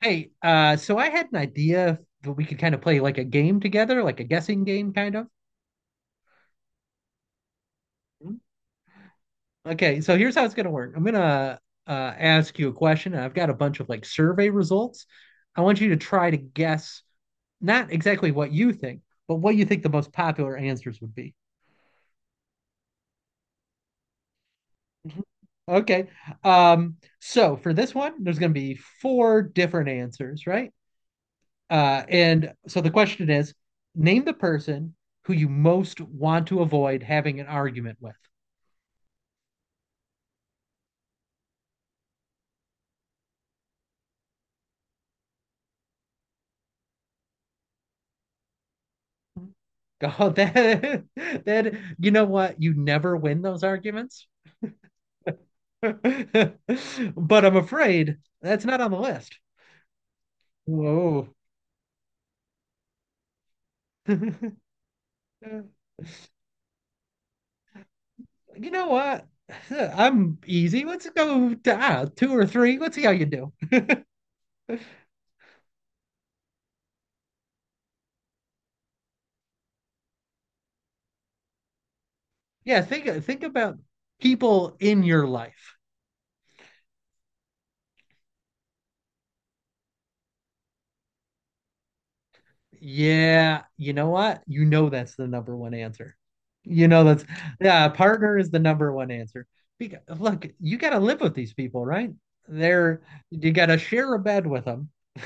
Hey, so I had an idea that we could kind of play like a game together, like a guessing game, kind of. Mhm. Okay, so here's how it's gonna work. I'm gonna uh, ask you a question, and I've got a bunch of like survey results. I want you to try to guess not exactly what you think, but what you think the most popular answers would be. Mhm. Okay. So for this one, there's gonna be four different answers, right? And so the question is, name the person who you most want to avoid having an argument with. Oh, that you know what? You never win those arguments. But I'm afraid that's not on the list. Whoa. You know what? I'm easy. Let's go to, two or three. Let's see how you do. Yeah, think about people in your life. Yeah, you know what? You know that's the number one answer. You know that's yeah, partner is the number one answer. Because look, you got to live with these people, right? They're you got to share a bed with them.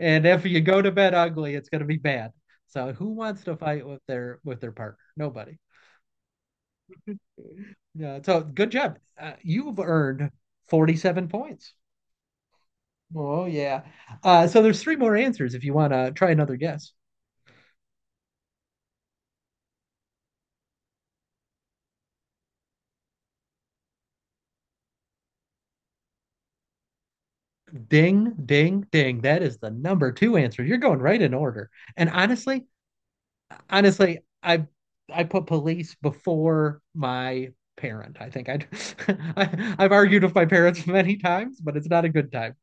And if you go to bed ugly, it's going to be bad. So who wants to fight with their partner? Nobody. Yeah, so good job. You've earned 47 points. Oh yeah. So there's three more answers if you want to try another guess. Ding, ding, ding. That is the number two answer. You're going right in order. And honestly, honestly, I put police before my parent. I think I'd, I've argued with my parents many times, but it's not a good time.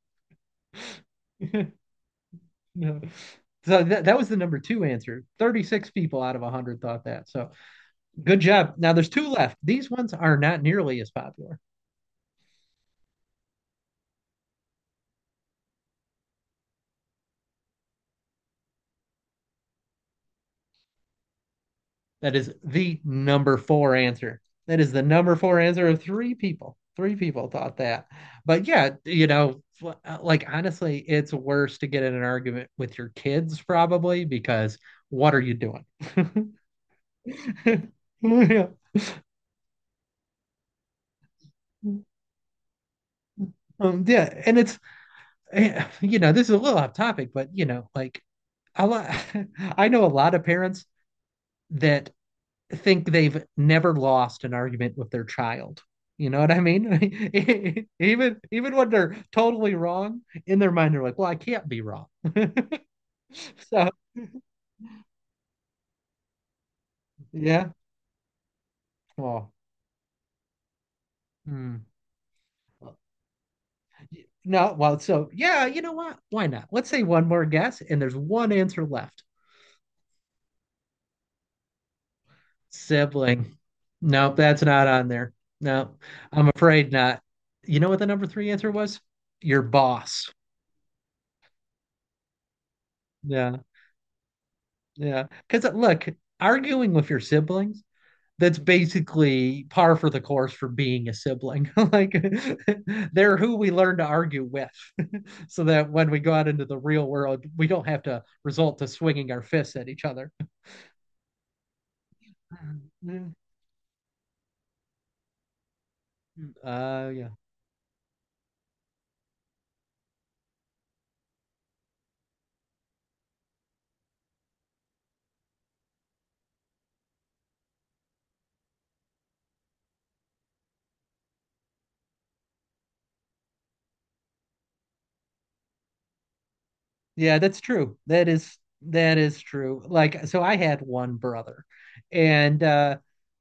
No. So that was the number two answer. 36 people out of 100 thought that. So good job. Now there's two left. These ones are not nearly as popular. That is the number four answer. That is the number four answer of three people. Three people thought that. But yeah, you know, like honestly, it's worse to get in an argument with your kids probably because what are you doing? yeah. Yeah. And you know, this is a little off topic, but you know, like a lot, I know a lot of parents that think they've never lost an argument with their child. You know what I mean? Even when they're totally wrong, in their mind they're like, "Well, I can't be wrong." So yeah, well, mm. no, well, so yeah, you know what? Why not? Let's say one more guess, and there's one answer left. Sibling. Nope, that's not on there. No, I'm afraid not. You know what the number three answer was? Your boss. Yeah, yeah. Because look, arguing with your siblings that's basically par for the course for being a sibling. like they're who we learn to argue with, so that when we go out into the real world, we don't have to resort to swinging our fists at each other. Yeah, yeah, that's true. That is true. Like, so I had one brother, and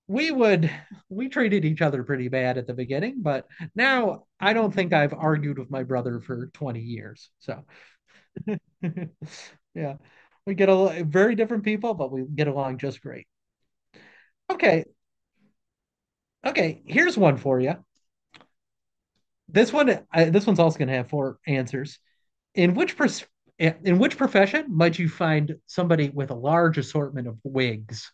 we would we treated each other pretty bad at the beginning, but now I don't think I've argued with my brother for 20 years. So. Yeah. We get a very different people, but we get along just great. Okay. Okay. Here's one for you. This one, I, this one's also going to have four answers. In which pers- in which profession might you find somebody with a large assortment of wigs?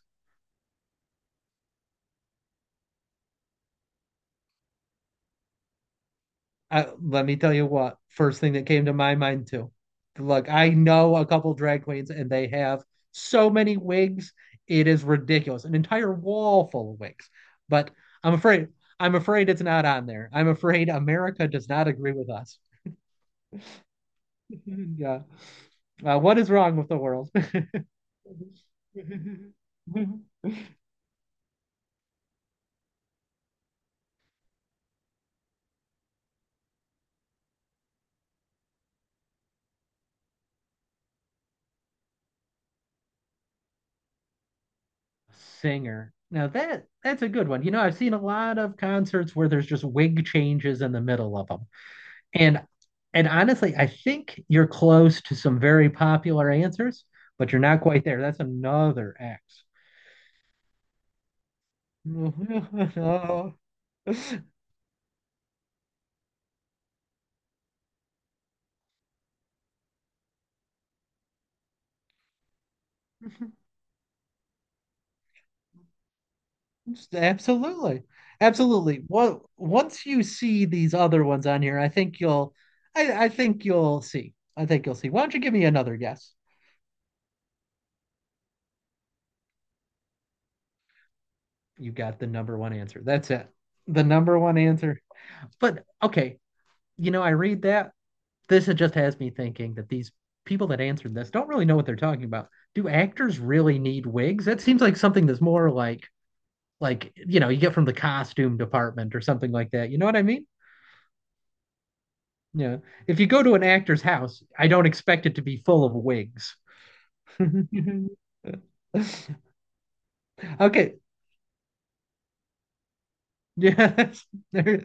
I, let me tell you what, first thing that came to my mind too. Look, I know a couple drag queens and they have so many wigs. It is ridiculous. An entire wall full of wigs. But I'm afraid I'm afraid it's not on there. I'm afraid America does not agree with us. Yeah. What is wrong with the world? Singer. Now that's a good one. You know, I've seen a lot of concerts where there's just wig changes in the middle of them. And and honestly, I think you're close to some very popular answers, but you're not quite there. That's another X. No. Absolutely. Absolutely. Well, once you see these other ones on here, I think you'll see. I think you'll see. Why don't you give me another guess? You got the number one answer. That's it. The number one answer. But okay, you know, I read that this just has me thinking that these people that answered this don't really know what they're talking about. Do actors really need wigs? That seems like something that's more like you know you get from the costume department or something like that. You know what I mean? Yeah. If you go to an actor's house, I don't expect it to be full of wigs. okay. Yes. There,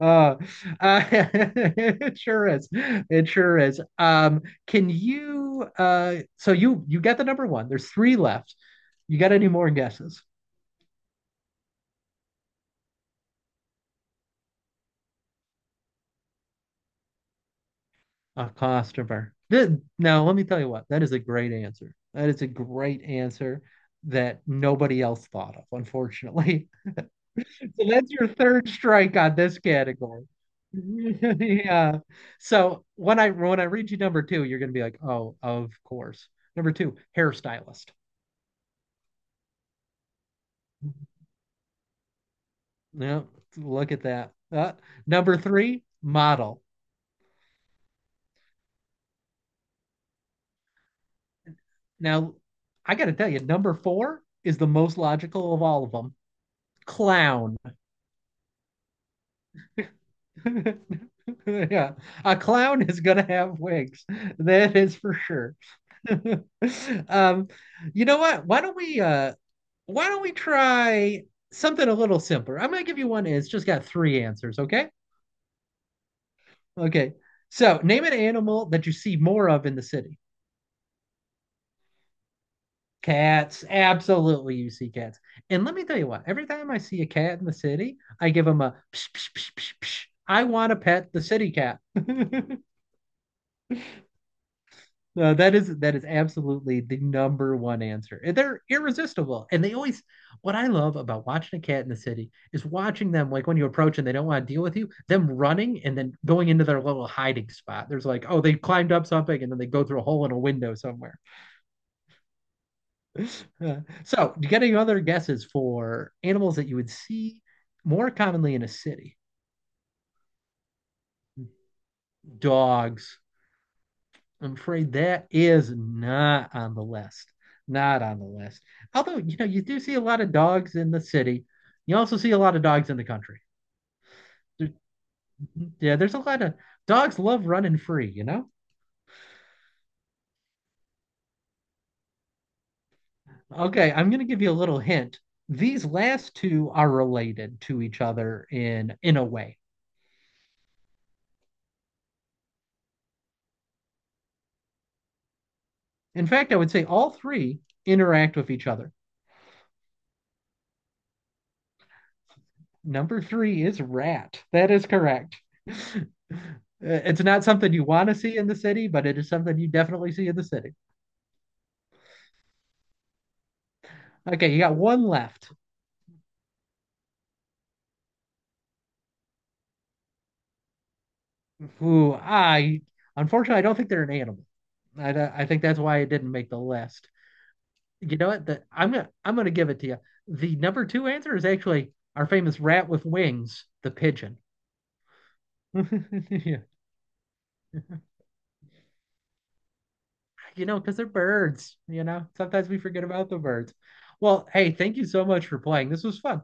Uh, it sure is. It sure is. Can you so you get the number one. There's three left. You got any more guesses? A customer. Now, let me tell you what. That is a great answer. That is a great answer that nobody else thought of, unfortunately. So that's your third strike on this category. Yeah. So when I read you number two, you're gonna be like, oh, of course. Number two, hairstylist. No, look at that. Number three, model. Now, I got to tell you, number four is the most logical of all of them. Clown. Yeah, a clown is gonna have wigs. That is for sure. Um, you know what? Why don't we try something a little simpler? I'm gonna give you one. It's just got three answers, okay? Okay. So name an animal that you see more of in the city. Cats, absolutely, you see cats. And let me tell you what, every time I see a cat in the city, I give them a psh, psh, psh, psh, psh. I want to pet the city cat. No, that is absolutely the number one answer. They're irresistible. And they always what I love about watching a cat in the city is watching them like when you approach and they don't want to deal with you, them running and then going into their little hiding spot. There's like, oh, they climbed up something and then they go through a hole in a window somewhere. So, do you got any other guesses for animals that you would see more commonly in a city? Dogs. I'm afraid that is not on the list. Not on the list. Although, you know, you do see a lot of dogs in the city. You also see a lot of dogs in the country. There- Yeah, there's a lot of dogs love running free, you know? Okay, I'm going to give you a little hint. These last two are related to each other in a way. In fact, I would say all three interact with each other. Number three is rat. That is correct. It's not something you want to see in the city, but it is something you definitely see in the city. Okay, you got one left. Who I unfortunately I don't think they're an animal. I think that's why it didn't make the list. You know what? I'm gonna give it to you. The number two answer is actually our famous rat with wings, the pigeon. Yeah. You know, because they're birds. You know, sometimes we forget about the birds. Well, hey, thank you so much for playing. This was fun.